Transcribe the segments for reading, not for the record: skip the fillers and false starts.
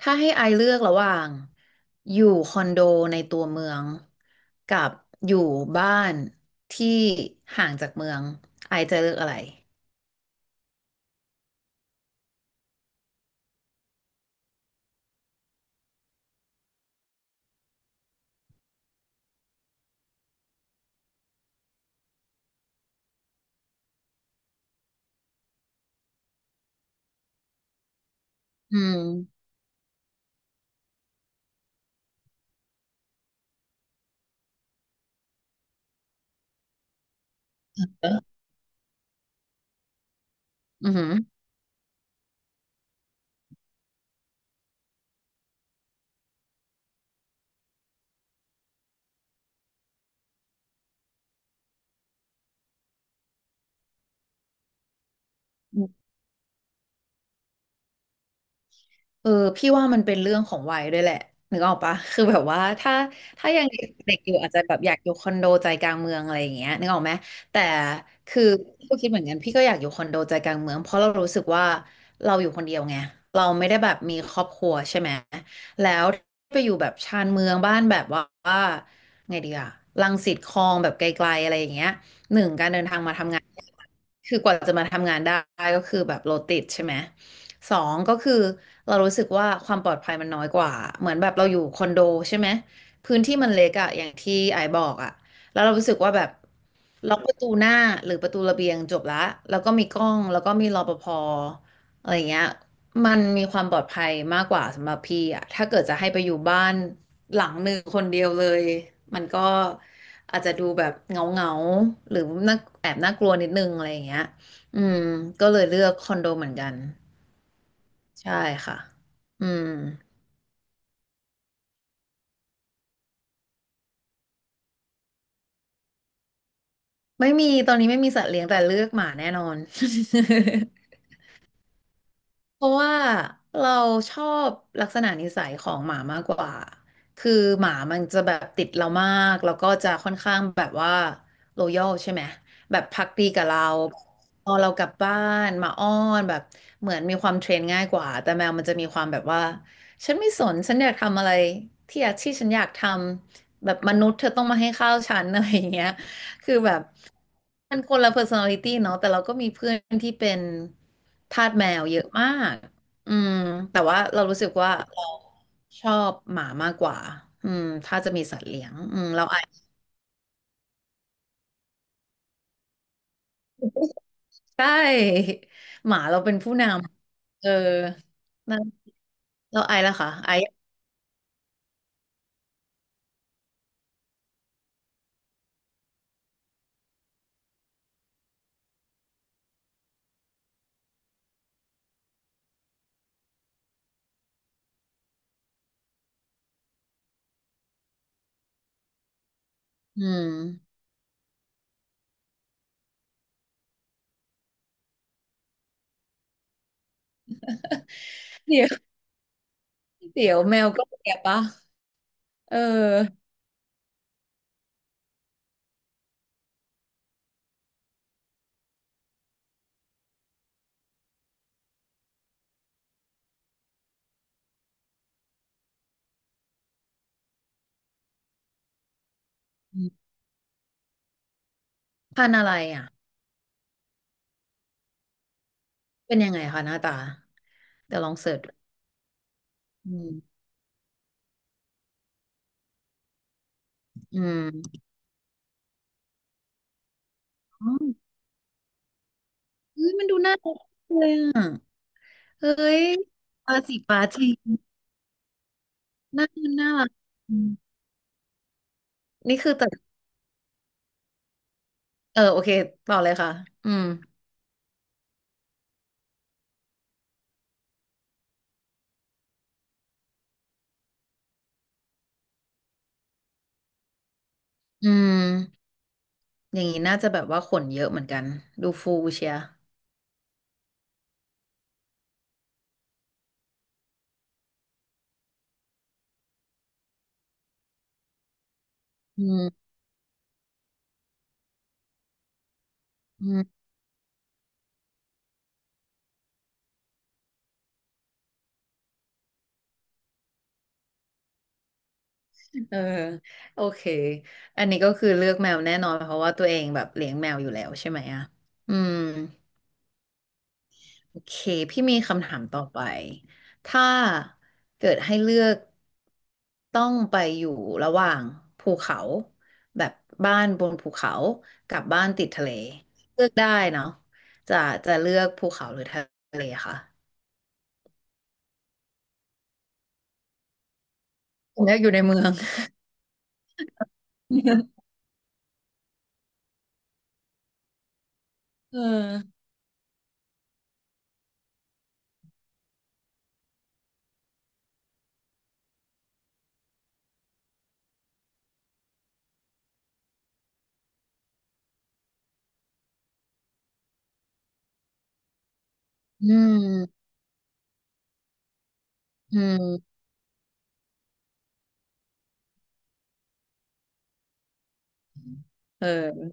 ถ้าให้ไอเลือกระหว่างอยู่คอนโดในตัวเมืองกับอยู่บ้านที่ห่างจากเมืองไอจะเลือกอะไรอืมเอออือหือ เออพี่ว่ามันเป็นเรื่องของวัยด้วยแหละนึกออกปะคือแบบว่าถ้ายังเด็กๆอยู่อาจจะแบบอยากอยู่คอนโดใจกลางเมืองอะไรอย่างเงี้ยนึกออกไหมแต่คือพี่ก็คิดเหมือนกันพี่ก็อยากอยู่คอนโดใจกลางเมืองเพราะเรารู้สึกว่าเราอยู่คนเดียวไงเราไม่ได้แบบมีครอบครัวใช่ไหมแล้วไปอยู่แบบชานเมืองบ้านแบบว่าว่าไงดีอะรังสิตคลองแบบไกลๆอะไรอย่างเงี้ยหนึ่งการเดินทางมาทำงานคือกว่าจะมาทำงานได้ก็คือแบบรถติดใช่ไหม สองก็คือเรารู้สึกว่าความปลอดภัยมันน้อยกว่าเหมือนแบบเราอยู่คอนโดใช่ไหมพื้นที่มันเล็กอะอย่างที่ไอายบอกอะแล้วเรารู้สึกว่าแบบล็อกประตูหน้าหรือประตูระเบียงจบละแล้วก็มีกล้องแล้วก็มีรปภอะไรเงี้ยมันมีความปลอดภัยมากกว่าสำหรับพี่อะถ้าเกิดจะให้ไปอยู่บ้านหลังหนึ่งคนเดียวเลยมันก็อาจจะดูแบบเงาเงาหรือน่าแอบน่ากลัวนิดนึงอะไรอย่างเงี้ยอืมก็เลยเลือกคอนโดเหมือนกัน ใช่ค่ะอืมไม่มีตอนนี้ไม่มีสัตว์เลี้ยงแต่เลือกหมาแน่นอน เพราะว่าเราชอบลักษณะนิสัยของหมามากกว่า คือหมามันจะแบบติดเรามากแล้วก็จะค่อนข้างแบบว่าโลยอลใช่ไหมแบบพักดีกับเราพอเรากลับบ้านหมาอ้อนแบบเหมือนมีความเทรนง่ายกว่าแต่แมวมันจะมีความแบบว่าฉันไม่สนฉันอยากทำอะไรที่ฉันอยากทำแบบมนุษย์เธอต้องมาให้ข้าวฉัน อะไรอย่างเงี้ย คือแบบมันคนละ personality เนาะแต่เราก็มีเพื่อนที่เป็นทาสแมวเยอะมากอืมแต่ว่าเรารู้สึกว่าเราชอบหมามากกว่าอืมถ้าจะมีสัตว์เลี้ยงอืมเราอาจใช่หมาเราเป็นผู้นำเออนั่นเราไอแล้วค่ะไออืมเดี๋ยวเดี๋ยวแมวก็แก่ปะเอออืมพันธุ์อะไรอ่ะเป็นยังไงคะหน้าตาเดี๋ยวลองเสิร์ชดูอืมอืมอ๋อเฮ้ยมันดูน่า อเฮ้ยปาสิปาทีน่าน่ารักอืมนี่คือแต่เออโอเคต่อเลยค่ะอืมอืมอย่างนี้น่าจะแบบว่าขนเยอะเหมือนกัน ดูฟูเชียร์อืมอืมเออโอเค อันนี้ก็คือเลือกแมวแน่นอนเพราะว่าตัวเองแบบเลี้ยงแมวอยู่แล้วใช่ไหมอ่ะอืม โอเคพี่มีคำถามต่อไปถ้าเกิดให้เลือกต้องไปอยู่ระหว่างภูเขาแบบบ้านบนภูเขากับบ้านติดทะเลเลือกได้เนาะจะจะเลือกภูเขาหรือทะเลคะผมอยากอยู่ในเมือง เอออืมอืมเออ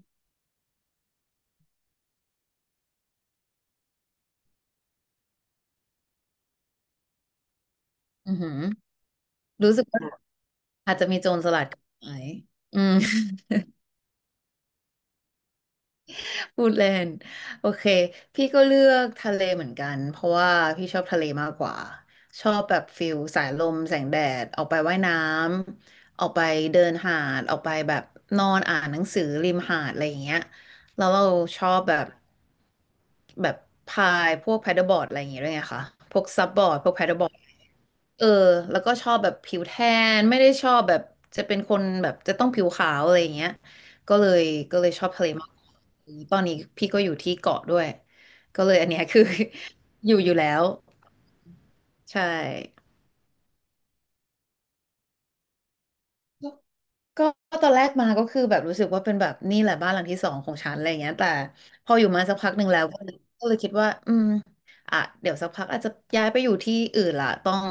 อือหือรู้สึกว่าอาจจะมีโจรสลัดกับไหมอืม พูดเล่นโอเคพี่ก็เลือกทะเลเหมือนกันเพราะว่าพี่ชอบทะเลมากกว่าชอบแบบฟิลสายลมแสงแดดออกไปว่ายน้ำออกไปเดินหาดออกไปแบบนอนอ่านหนังสือริมหาดอะไรอย่างเงี้ยแล้วเราชอบแบบแบบพายพวกแพดเดิลบอร์ดอะไรอย่างเงี้ยด้วยไงคะพวกซับบอร์ดพวกแพดเดิลบอร์ดเออแล้วก็ชอบแบบผิวแทนไม่ได้ชอบแบบจะเป็นคนแบบจะต้องผิวขาวอะไรอย่างเงี้ย ก็เลยก็เลยชอบทะเลมากตอนนี้พี่ก็อยู่ที่เกาะด้วยก็เลยอันเนี้ยคือ อยู่แล้วใช่ก็ก็ตอนแรกมาก็คือแบบรู้สึกว่าเป็นแบบนี่แหละบ้านหลังที่สองของฉันอะไรอย่างเงี้ยแต่พออยู่มาสักพักหนึ่งแล้วก็เลยคิดว่าอืมอ่ะเดี๋ยวสักพักอาจจะย้ายไปอยู่ที่อื่นละต้อง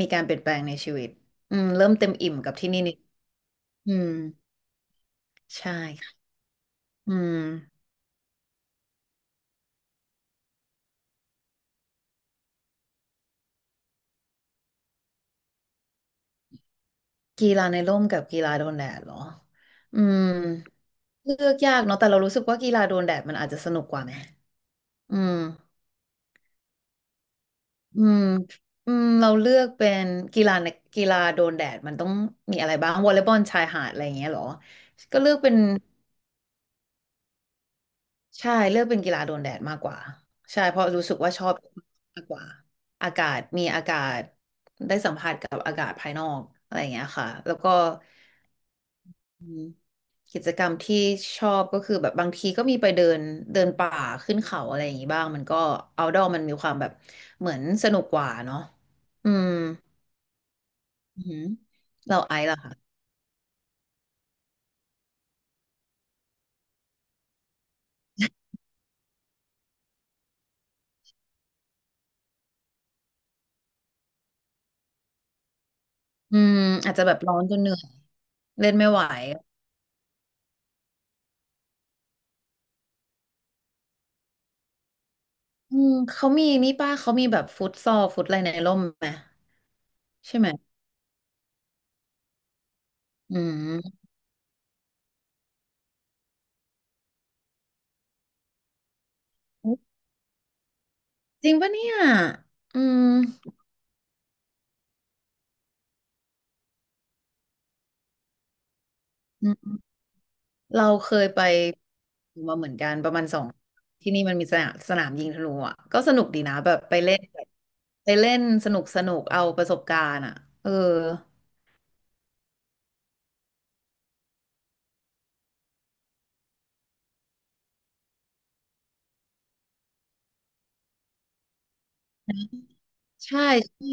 มีการเปลี่ยนแปลงในชีวิตอืมเริ่มเต็มอิ่มกับที่นี่นิดอืมใช่ค่ะอืมกีฬาในร่มกับกีฬาโดนแดดเหรออืม เลือกยากเนาะแต่เรารู้สึกว่ากีฬาโดนแดดมันอาจจะสนุกกว่าไหมอืมอืมอืมเราเลือกเป็นกีฬาในกีฬาโดนแดดมันต้องมีอะไรบ้างวอลเลย์บอลชายหาดอะไรอย่างเงี้ยเหรอก็เลือกเป็นใช่เลือกเป็นกีฬาโดนแดดมากกว่าใช่เพราะรู้สึกว่าชอบมากกว่าอากาศมีอากาศได้สัมผัสกับอากาศภายนอกอะไรอย่างเงี้ยค่ะแล้วก็ กิจกรรมที่ชอบก็คือแบบบางทีก็มีไปเดินเดินป่าขึ้นเขาอะไรอย่างงี้บ้างมันก็เอาดอมันมีความแบบเหมือนสนุกกว่าเนาะอืมอือหือเราไอซ์ล่ะค่ะอืมอาจจะแบบร้อนจนเหนื่อยเล่นไม่ไหวอืมเขามีนี่ป้าเขามีแบบฟุตซอลฟุตอะไรในร่มไหมใช่ไหมอืมจริงปะเนี่ยอืม เราเคยไปมาเหมือนกันประมาณ2ที่นี่มันมีสนามยิงธนูอ่ะก็สนุกดีนะแบบไปเล่นไปเล่นสนุกสนุกเอาประสบการณ์อ่ะเออใช่ที่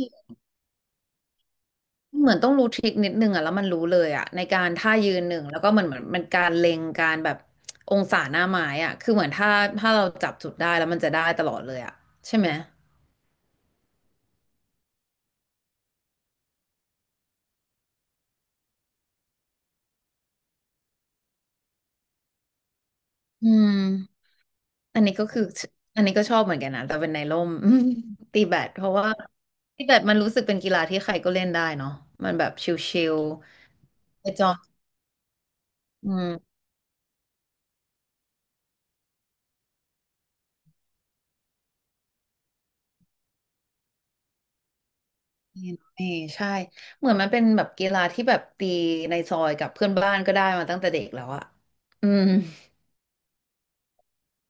เหมือนต้องรู้ทริคนิดนึงอ่ะแล้วมันรู้เลยอ่ะในการท่ายืนหนึ่งแล้วก็เหมือนมันการเล็งการแบบองศาหน้าไม้อ่ะคือเหมือนถ้าเราจับจุดได้แล้วมันจะได้ตลอดเลยอ่ะใช่ไหมอืม อันนี้ก็คืออันนี้ก็ชอบเหมือนกันนะแต่เป็นในร่ม ตีแบดเพราะว่าตีแบดมันรู้สึกเป็นกีฬาที่ใครก็เล่นได้เนาะมันแบบชิลๆไปจอมอืมนี่นี่ใช่เหมือนมันเป็นแบบกีฬาที่แบบตีในซอยกับเพื่อนบ้านก็ได้มาตั้งแต่เด็กแล้วอะอืม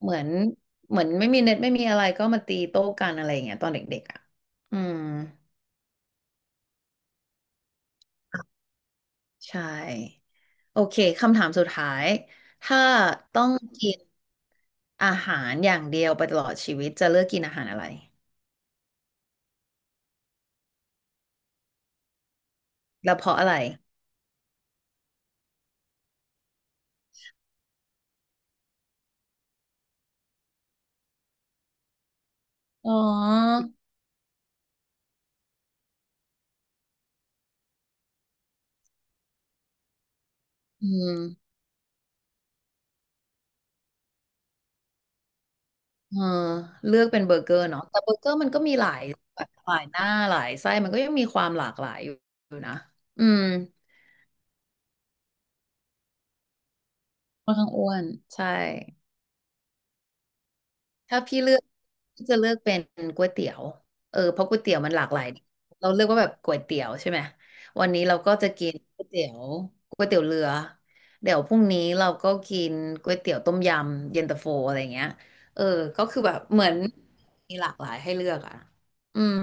เหมือนเหมือนไม่มีเน็ตไม่มีอะไรก็มาตีโต้กันอะไรอย่างเงี้ยตอนเด็กๆอะอืมใช่โอเคคำถามสุดท้ายถ้าต้องกิน อาหารอย่างเดียวไปตลอดชีวิตจะเลือกกินอาหารอะไรแล้วเพราะอะไรอ๋ออืมเออเลือกเป็นเบอร์เกอร์เนาะแต่เบอร์เกอร์มันก็มีหลายแบบหลายหน้าหลายไส้มันก็ยังมีความหลากหลายอยู่นะอืมค่อนข้างอ้วนใช่ ถ้าพี่เลือกพี่จะเลือกเป็นก๋วยเตี๋ยวเออเพราะก๋วยเตี๋ยวมันหลากหลายเราเลือกว่าแบบก๋วยเตี๋ยวใช่ไหมวันนี้เราก็จะกินก๋วยเตี๋ยวก๋วยเตี๋ยวเรือเดี๋ยวพรุ่งนี้เราก็กินก๋วยเตี๋ยวต้มยำเย็นตาโฟอะไรเงี้ยเออก็คือแบบเหมือนมีหลากหลายให้เลือกอ่ะอืม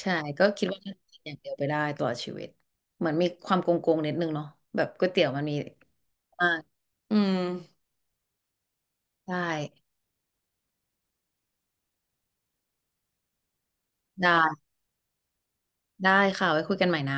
ใช่ก็คิดว่าน่าจะกินอย่างเดียวไปได้ตลอดชีวิตเหมือนมีความโกงๆนิดนึงเนาะแบบก๋วยเตี๋ยวมันมีมากอืมได้ได้ได้ค่ะไว้คุยกันใหม่นะ